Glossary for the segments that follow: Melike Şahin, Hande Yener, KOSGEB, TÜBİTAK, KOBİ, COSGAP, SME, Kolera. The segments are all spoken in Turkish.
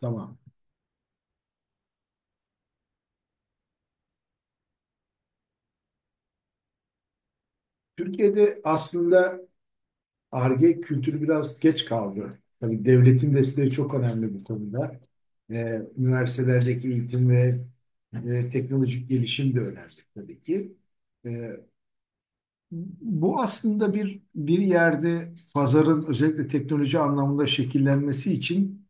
Tamam. Türkiye'de aslında Ar-Ge kültürü biraz geç kaldı. Tabii devletin desteği çok önemli bu konuda. Üniversitelerdeki eğitim ve teknolojik gelişim de önemli tabii ki. Ee, Bu aslında bir yerde pazarın özellikle teknoloji anlamında şekillenmesi için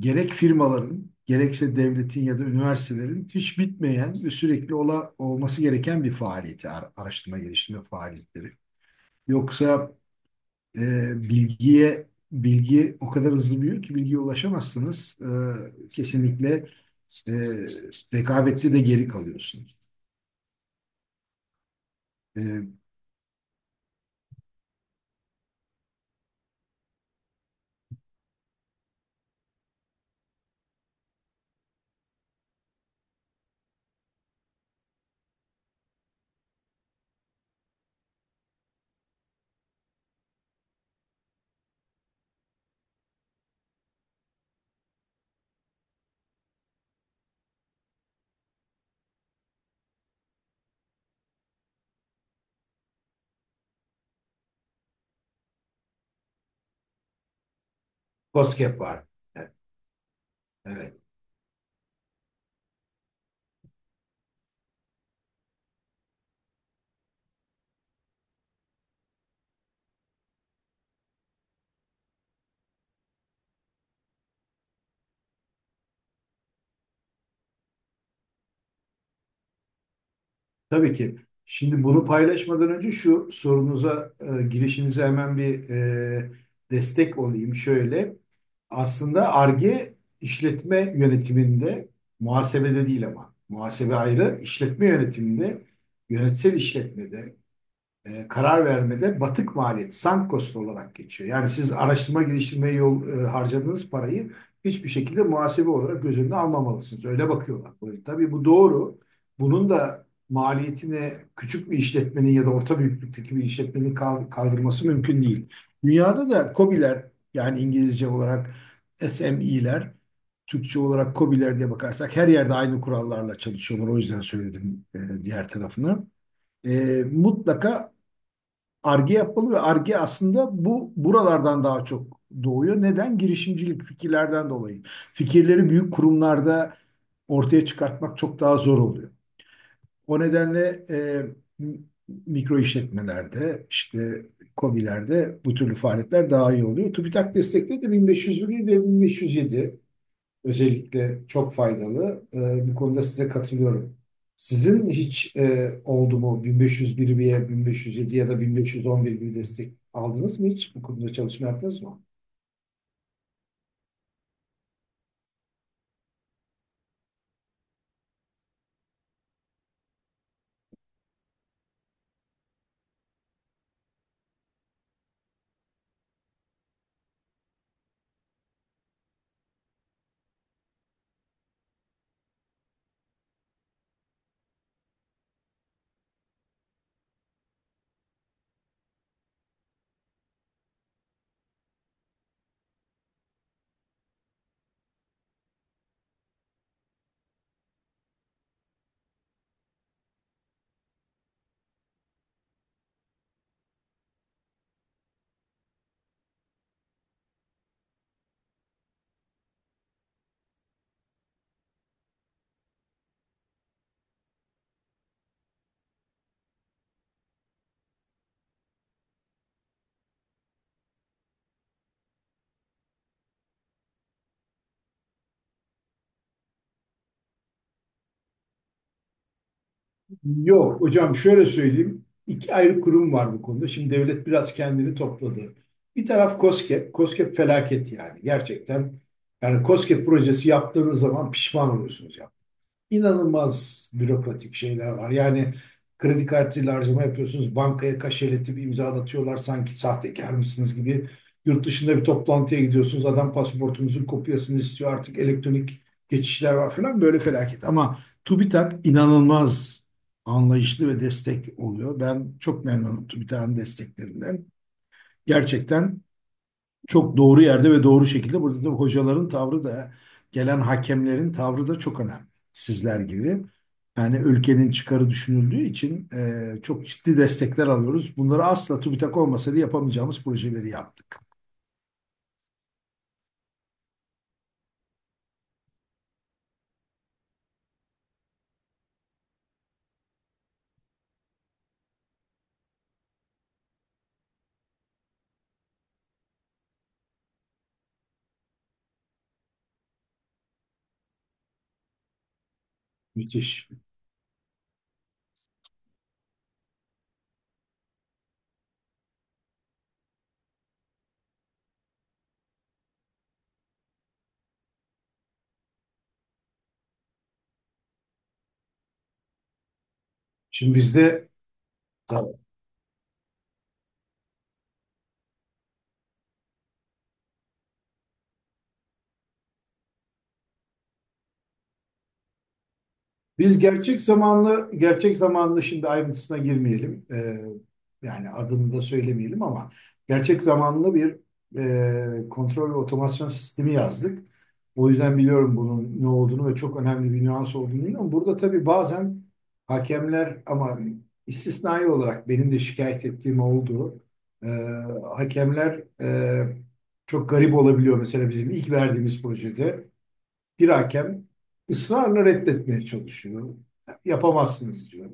gerek firmaların, gerekse devletin ya da üniversitelerin hiç bitmeyen ve sürekli olması gereken bir faaliyeti, araştırma geliştirme faaliyetleri. Yoksa E, bilgiye bilgi o kadar hızlı büyüyor ki bilgiye ulaşamazsınız. Kesinlikle e, rekabette de geri kalıyorsunuz. E, COSGAP var. Evet. Evet. Tabii ki. Şimdi bunu paylaşmadan önce şu sorunuza, girişinize hemen bir destek olayım. Şöyle, aslında Ar-Ge işletme yönetiminde, muhasebede değil ama, muhasebe ayrı, işletme yönetiminde, yönetsel işletmede, karar vermede batık maliyet, sunk cost olarak geçiyor. Yani siz araştırma geliştirmeye harcadığınız parayı hiçbir şekilde muhasebe olarak göz önüne almamalısınız. Öyle bakıyorlar. Tabii bu doğru. Bunun da maliyetini küçük bir işletmenin ya da orta büyüklükteki bir işletmenin kaldırması mümkün değil. Dünyada da KOBİ'ler yani İngilizce olarak SME'ler Türkçe olarak KOBİ'ler diye bakarsak her yerde aynı kurallarla çalışıyorlar. O yüzden söyledim diğer tarafını. E, Mutlaka Arge yapmalı ve Arge aslında bu buralardan daha çok doğuyor. Neden? Girişimcilik fikirlerden dolayı. Fikirleri büyük kurumlarda ortaya çıkartmak çok daha zor oluyor. O nedenle mikro işletmelerde, işte KOBİ'lerde bu türlü faaliyetler daha iyi oluyor. TÜBİTAK destekleri de 1501 ve 1507 özellikle çok faydalı. Bu konuda size katılıyorum. Sizin hiç oldu mu 1501 veya 1507 ya da 1511 gibi destek aldınız mı hiç? Bu konuda çalışma yaptınız mı? Yok hocam şöyle söyleyeyim. İki ayrı kurum var bu konuda. Şimdi devlet biraz kendini topladı. Bir taraf KOSGEB. KOSGEB felaket yani gerçekten. Yani KOSGEB projesi yaptığınız zaman pişman oluyorsunuz. İnanılmaz bürokratik şeyler var. Yani kredi kartıyla harcama yapıyorsunuz, bankaya kaşeletip imzalatıyorlar sanki sahtekar mısınız gibi. Yurt dışında bir toplantıya gidiyorsunuz, adam pasaportunuzun kopyasını istiyor artık elektronik geçişler var falan böyle felaket. Ama TÜBİTAK inanılmaz anlayışlı ve destek oluyor. Ben çok memnunum TÜBİTAK'ın desteklerinden. Gerçekten çok doğru yerde ve doğru şekilde. Burada tabii hocaların tavrı da gelen hakemlerin tavrı da çok önemli. Sizler gibi. Yani ülkenin çıkarı düşünüldüğü için çok ciddi destekler alıyoruz. Bunları asla TÜBİTAK olmasaydı yapamayacağımız projeleri yaptık. Müthiş. Şimdi bizde biz gerçek zamanlı, gerçek zamanlı şimdi ayrıntısına girmeyelim. Yani adını da söylemeyelim ama gerçek zamanlı bir kontrol ve otomasyon sistemi yazdık. O yüzden biliyorum bunun ne olduğunu ve çok önemli bir nüans olduğunu biliyorum. Burada tabii bazen hakemler ama istisnai olarak benim de şikayet ettiğim oldu. Ee, Hakemler çok garip olabiliyor. Mesela bizim ilk verdiğimiz projede. Bir hakem ısrarla reddetmeye çalışıyor. Yapamazsınız diyor.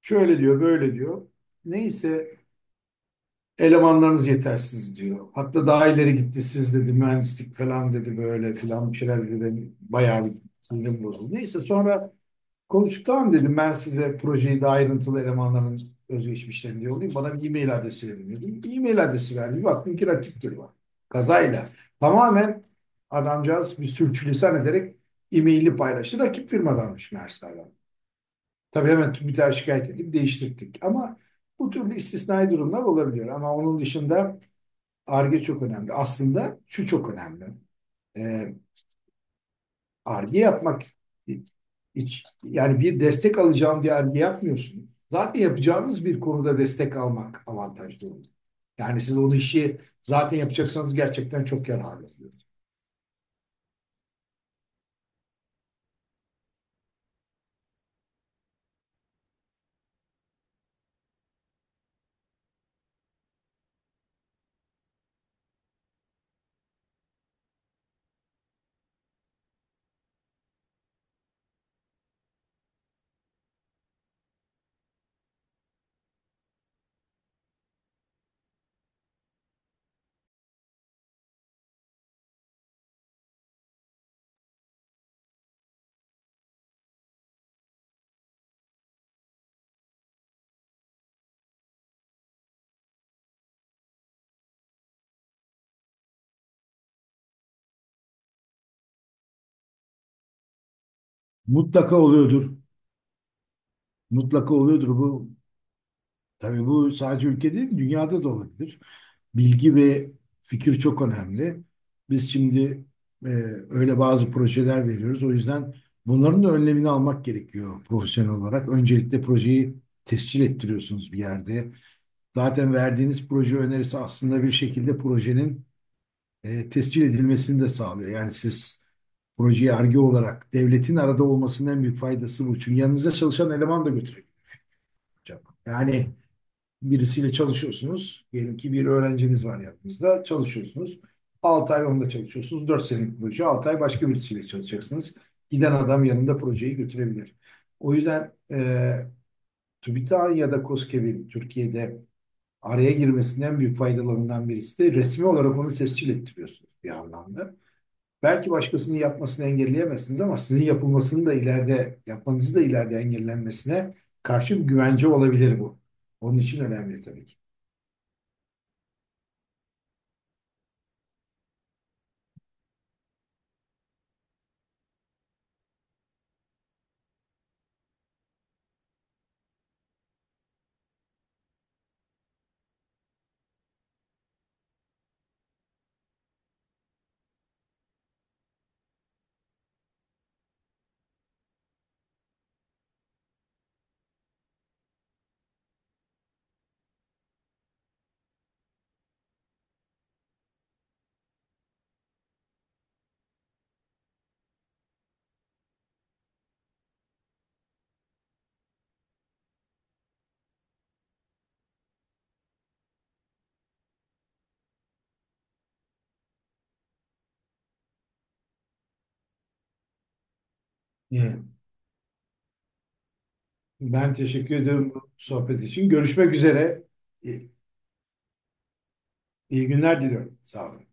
Şöyle diyor, böyle diyor. Neyse elemanlarınız yetersiz diyor. Hatta daha ileri gitti siz dedi mühendislik falan dedi böyle filan bir şeyler dedi. Ben bayağı bir sinirim bozuldu. Neyse sonra konuştuktan dedim ben size projeyi de ayrıntılı elemanların özgeçmişlerini yollayayım. Bana bir e-mail adresi verin dedim. E-mail adresi verdi. Bir baktım ki rakiptir var. Kazayla. Tamamen adamcağız bir sürçülisan ederek e-maili paylaştı. Rakip firmadanmış meğerse adam. Tabii hemen TÜBİTAK'a şikayet edip değiştirdik. Ama bu türlü istisnai durumlar olabiliyor. Ama onun dışında Ar-Ge çok önemli. Aslında şu çok önemli. Ee, Arge yapmak hiç, yani bir destek alacağım diye Arge yapmıyorsunuz. Zaten yapacağınız bir konuda destek almak avantajlı olur. Yani siz o işi zaten yapacaksanız gerçekten çok yararlı oluyor. Mutlaka oluyordur. Mutlaka oluyordur bu. Tabii bu sadece ülkede değil, dünyada da olabilir. Bilgi ve fikir çok önemli. Biz şimdi e, öyle bazı projeler veriyoruz. O yüzden bunların da önlemini almak gerekiyor profesyonel olarak. Öncelikle projeyi tescil ettiriyorsunuz bir yerde. Zaten verdiğiniz proje önerisi aslında bir şekilde projenin tescil edilmesini de sağlıyor. Yani siz projeyi arge olarak devletin arada olmasının en büyük faydası bu. Çünkü yanınıza çalışan eleman da götürebilir hocam. Yani birisiyle çalışıyorsunuz. Diyelim ki bir öğrenciniz var yanınızda. Çalışıyorsunuz. 6 ay onda çalışıyorsunuz. Dört senelik proje. 6 ay başka birisiyle çalışacaksınız. Giden adam yanında projeyi götürebilir. O yüzden TÜBİTAK'ın ya da KOSGEB'in Türkiye'de araya girmesinin en büyük faydalarından birisi de resmi olarak onu tescil ettiriyorsunuz bir anlamda. Belki başkasının yapmasını engelleyemezsiniz ama sizin yapılmasını da ileride, yapmanızı da ileride engellenmesine karşı bir güvence olabilir bu. Onun için önemli tabii ki. Ee, Ben teşekkür ediyorum bu sohbet için. Görüşmek üzere. İyi, iyi günler diliyorum. Sağ olun.